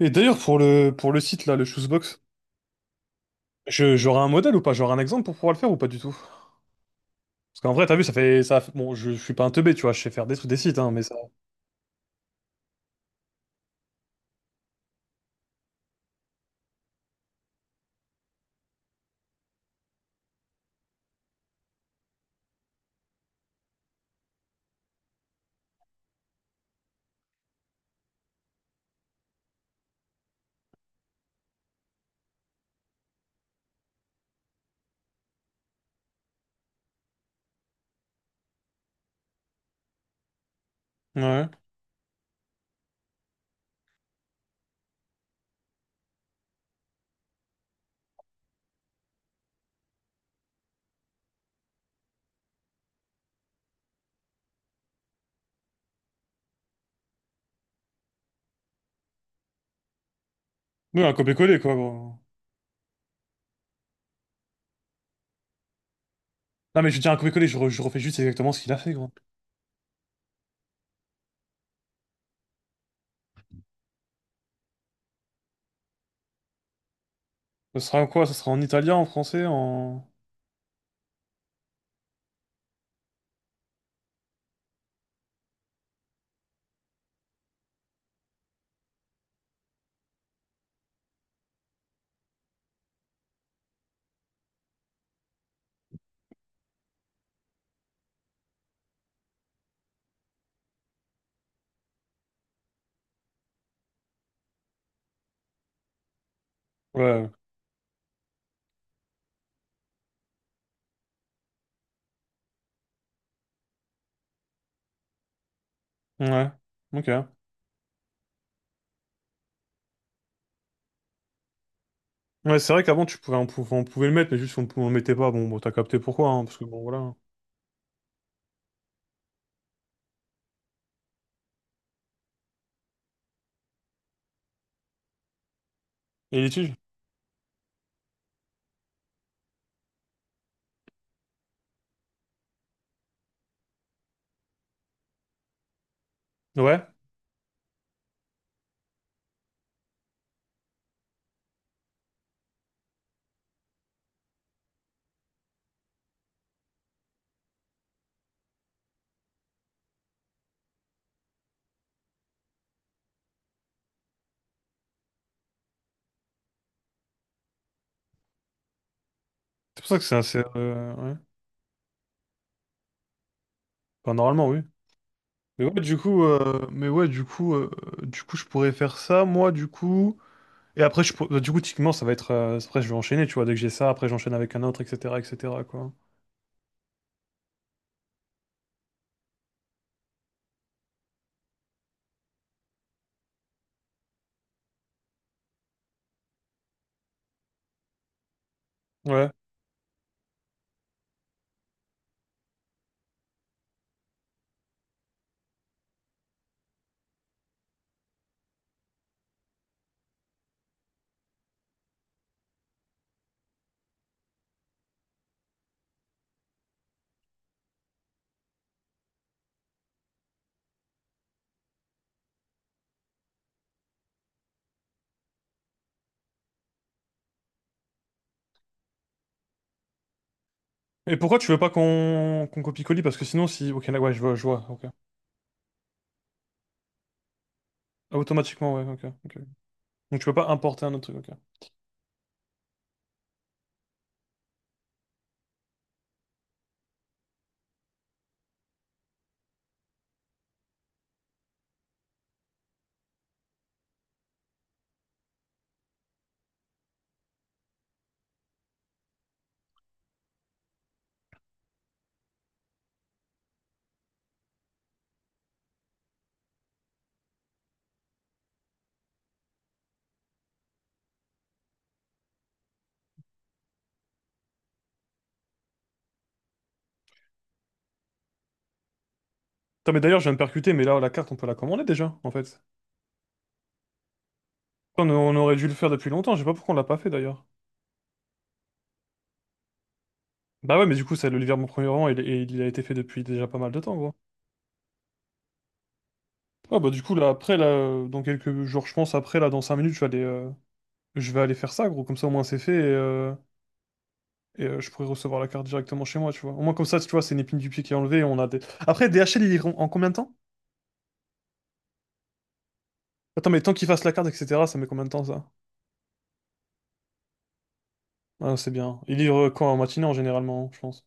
Et d'ailleurs, pour le site, là, le Shoesbox, j'aurai un modèle ou pas? J'aurai un exemple pour pouvoir le faire ou pas du tout? Parce qu'en vrai, t'as vu, Bon, je suis pas un teubé, tu vois, je sais faire des trucs, des sites, hein, mais ça... Ouais. Oui, un copier-coller, quoi, gros. Non, mais je dis un copier-coller, je refais juste exactement ce qu'il a fait, gros. Ça sera en quoi? Ça sera en italien, en français, en... Ouais. Ouais. Ok. Ouais, c'est vrai qu'avant, tu pouvais, on pouvait le mettre, mais juste, on le mettait pas. Bon, t'as capté pourquoi, hein, parce que, bon, voilà. Et l'étude? Ouais. C'est pour ça que c'est assez... ouais. Enfin, normalement, oui. Mais ouais, du coup, mais ouais, du coup, je pourrais faire ça, moi, du coup. Et après, je pour- du coup, typiquement, ça va être. Après, je vais enchaîner, tu vois. Dès que j'ai ça, après, j'enchaîne avec un autre, etc., etc., quoi. Ouais. Et pourquoi tu veux pas qu'on copie-colie? Parce que sinon, si. Ok, là, ouais, je vois, ok. Ah, automatiquement, ouais, ok, ok. Donc, tu peux pas importer un autre truc, ok. Putain, mais d'ailleurs, je viens de percuter, mais là, la carte, on peut la commander déjà, en fait. On aurait dû le faire depuis longtemps, je sais pas pourquoi on l'a pas fait d'ailleurs. Bah ouais, mais du coup, ça, le livreur, mon premier roman, il a été fait depuis déjà pas mal de temps, gros. Ah bah du coup là après là dans quelques jours je pense après là dans 5 minutes je vais aller faire ça gros comme ça au moins c'est fait et je pourrai recevoir la carte directement chez moi, tu vois. Au moins comme ça tu vois c'est une épine du pied qui est enlevée et on a des... Après DHL il livre en combien de temps? Attends mais tant qu'il fasse la carte etc ça met combien de temps ça? Ah c'est bien. Il livre quand en matinée en généralement je pense.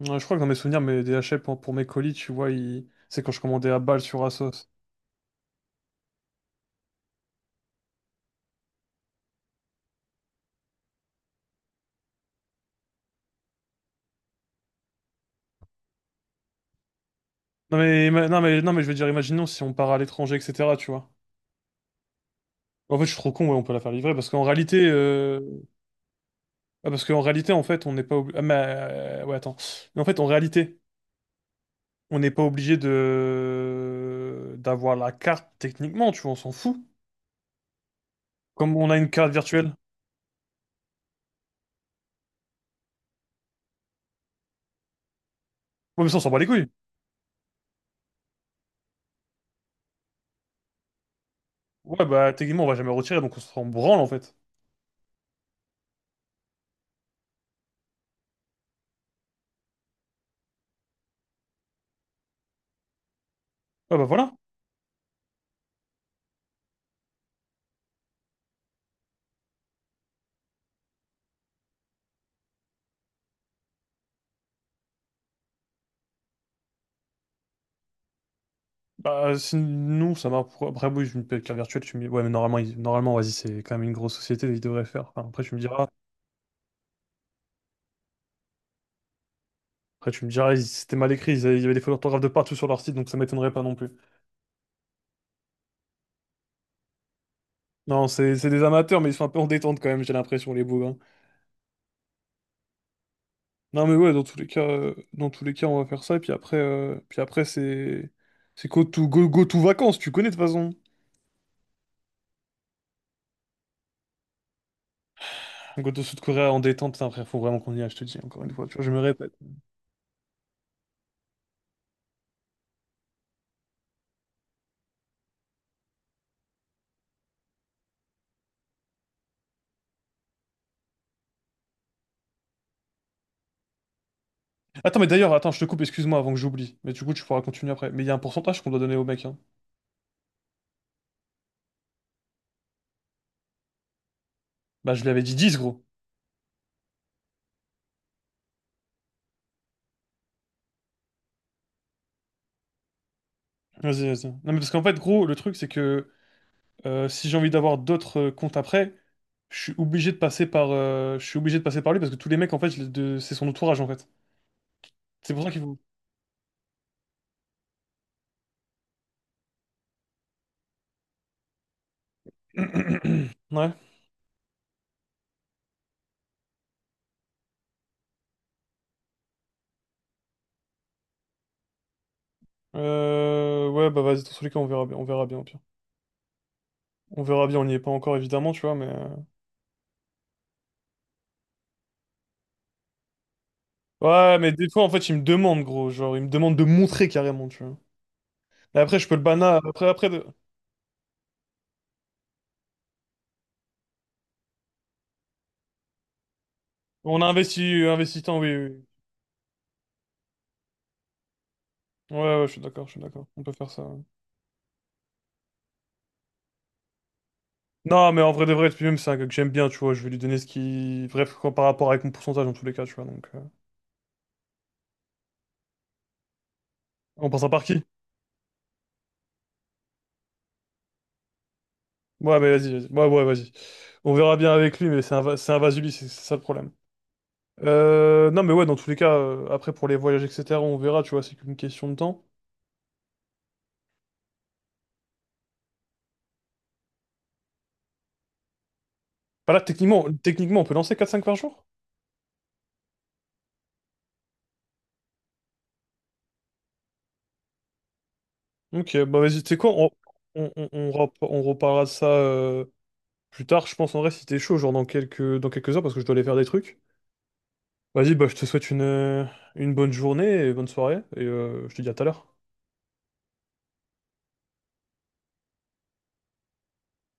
Ouais, je crois que dans mes souvenirs mes DHL pour mes colis tu vois il... c'est quand je commandais à balle sur Asos. Non mais je veux dire imaginons si on part à l'étranger etc tu vois. En fait je suis trop con ouais on peut la faire livrer parce qu'en réalité ah, parce qu'en réalité, en fait, on n'est pas obligé. Ah, mais, ouais, attends. Mais en fait, en réalité, on n'est pas obligé de d'avoir la carte techniquement, tu vois, on s'en fout. Comme on a une carte virtuelle. Ouais, mais ça, on s'en bat les couilles. Ouais, bah, techniquement, on va jamais retirer, donc on s'en branle, en fait. Ouais, bah, voilà. Bah, si nous, ça m'a. Après, oui, je me paye une carte virtuelle, tu me dis, ouais, mais normalement, normalement, vas-y, c'est quand même une grosse société, ils devraient faire. Enfin, après, tu me diras, après, tu me diras, c'était mal écrit, il y avait des fautes d'orthographe de partout sur leur site, donc ça m'étonnerait pas non plus. Non, c'est des amateurs, mais ils sont un peu en détente quand même, j'ai l'impression, les bougs. Hein. Non mais ouais, dans tous les cas, on va faire ça. Et puis après, c'est go to vacances. Tu connais de toute façon. Go to Sud Korea en détente. Putain, frère, faut vraiment qu'on y aille. Je te dis encore une fois. Tu vois, je me répète. Attends, mais d'ailleurs, attends, je te coupe. Excuse-moi avant que j'oublie. Mais du coup, tu pourras continuer après. Mais il y a un pourcentage qu'on doit donner au mec. Hein. Bah, je lui avais dit 10 gros. Vas-y, vas-y. Non mais parce qu'en fait, gros, le truc c'est que si j'ai envie d'avoir d'autres comptes après, je suis obligé de passer par lui parce que tous les mecs en fait, c'est son entourage en fait. C'est pour ça qu'il faut. Ouais. Ouais, bah vas-y, dans tous les cas, on verra bien, au pire. On verra bien, on n'y est pas encore, évidemment, tu vois, mais... Ouais, mais des fois, en fait, il me demande, gros, genre, il me demande de montrer carrément, tu vois. Et après, je peux le bana... Après, après, de- on a investi, investi tant, oui, oui. Oui. Ouais, ouais, je suis d'accord, on peut faire ça, ouais. Non, mais en vrai de vrai, puis même, c'est un gars que j'aime bien, tu vois, je vais lui donner ce qui... Bref, quoi, par rapport avec mon pourcentage, dans tous les cas, tu vois, donc... On passe à par qui? Ouais, mais ouais, vas-y. On verra bien avec lui, mais c'est un Vasubis, c'est ça le problème. Non, mais ouais, dans tous les cas, après pour les voyages, etc., on verra, tu vois, c'est qu'une question de temps. Bah là, techniquement, on peut lancer 4-5 par jour? Ok, bah vas-y, tu sais quoi, on on reparlera de ça plus tard, je pense, en vrai, si t'es chaud, genre dans quelques heures, parce que je dois aller faire des trucs. Vas-y, bah je te souhaite une bonne journée et bonne soirée, et je te dis à tout à l'heure.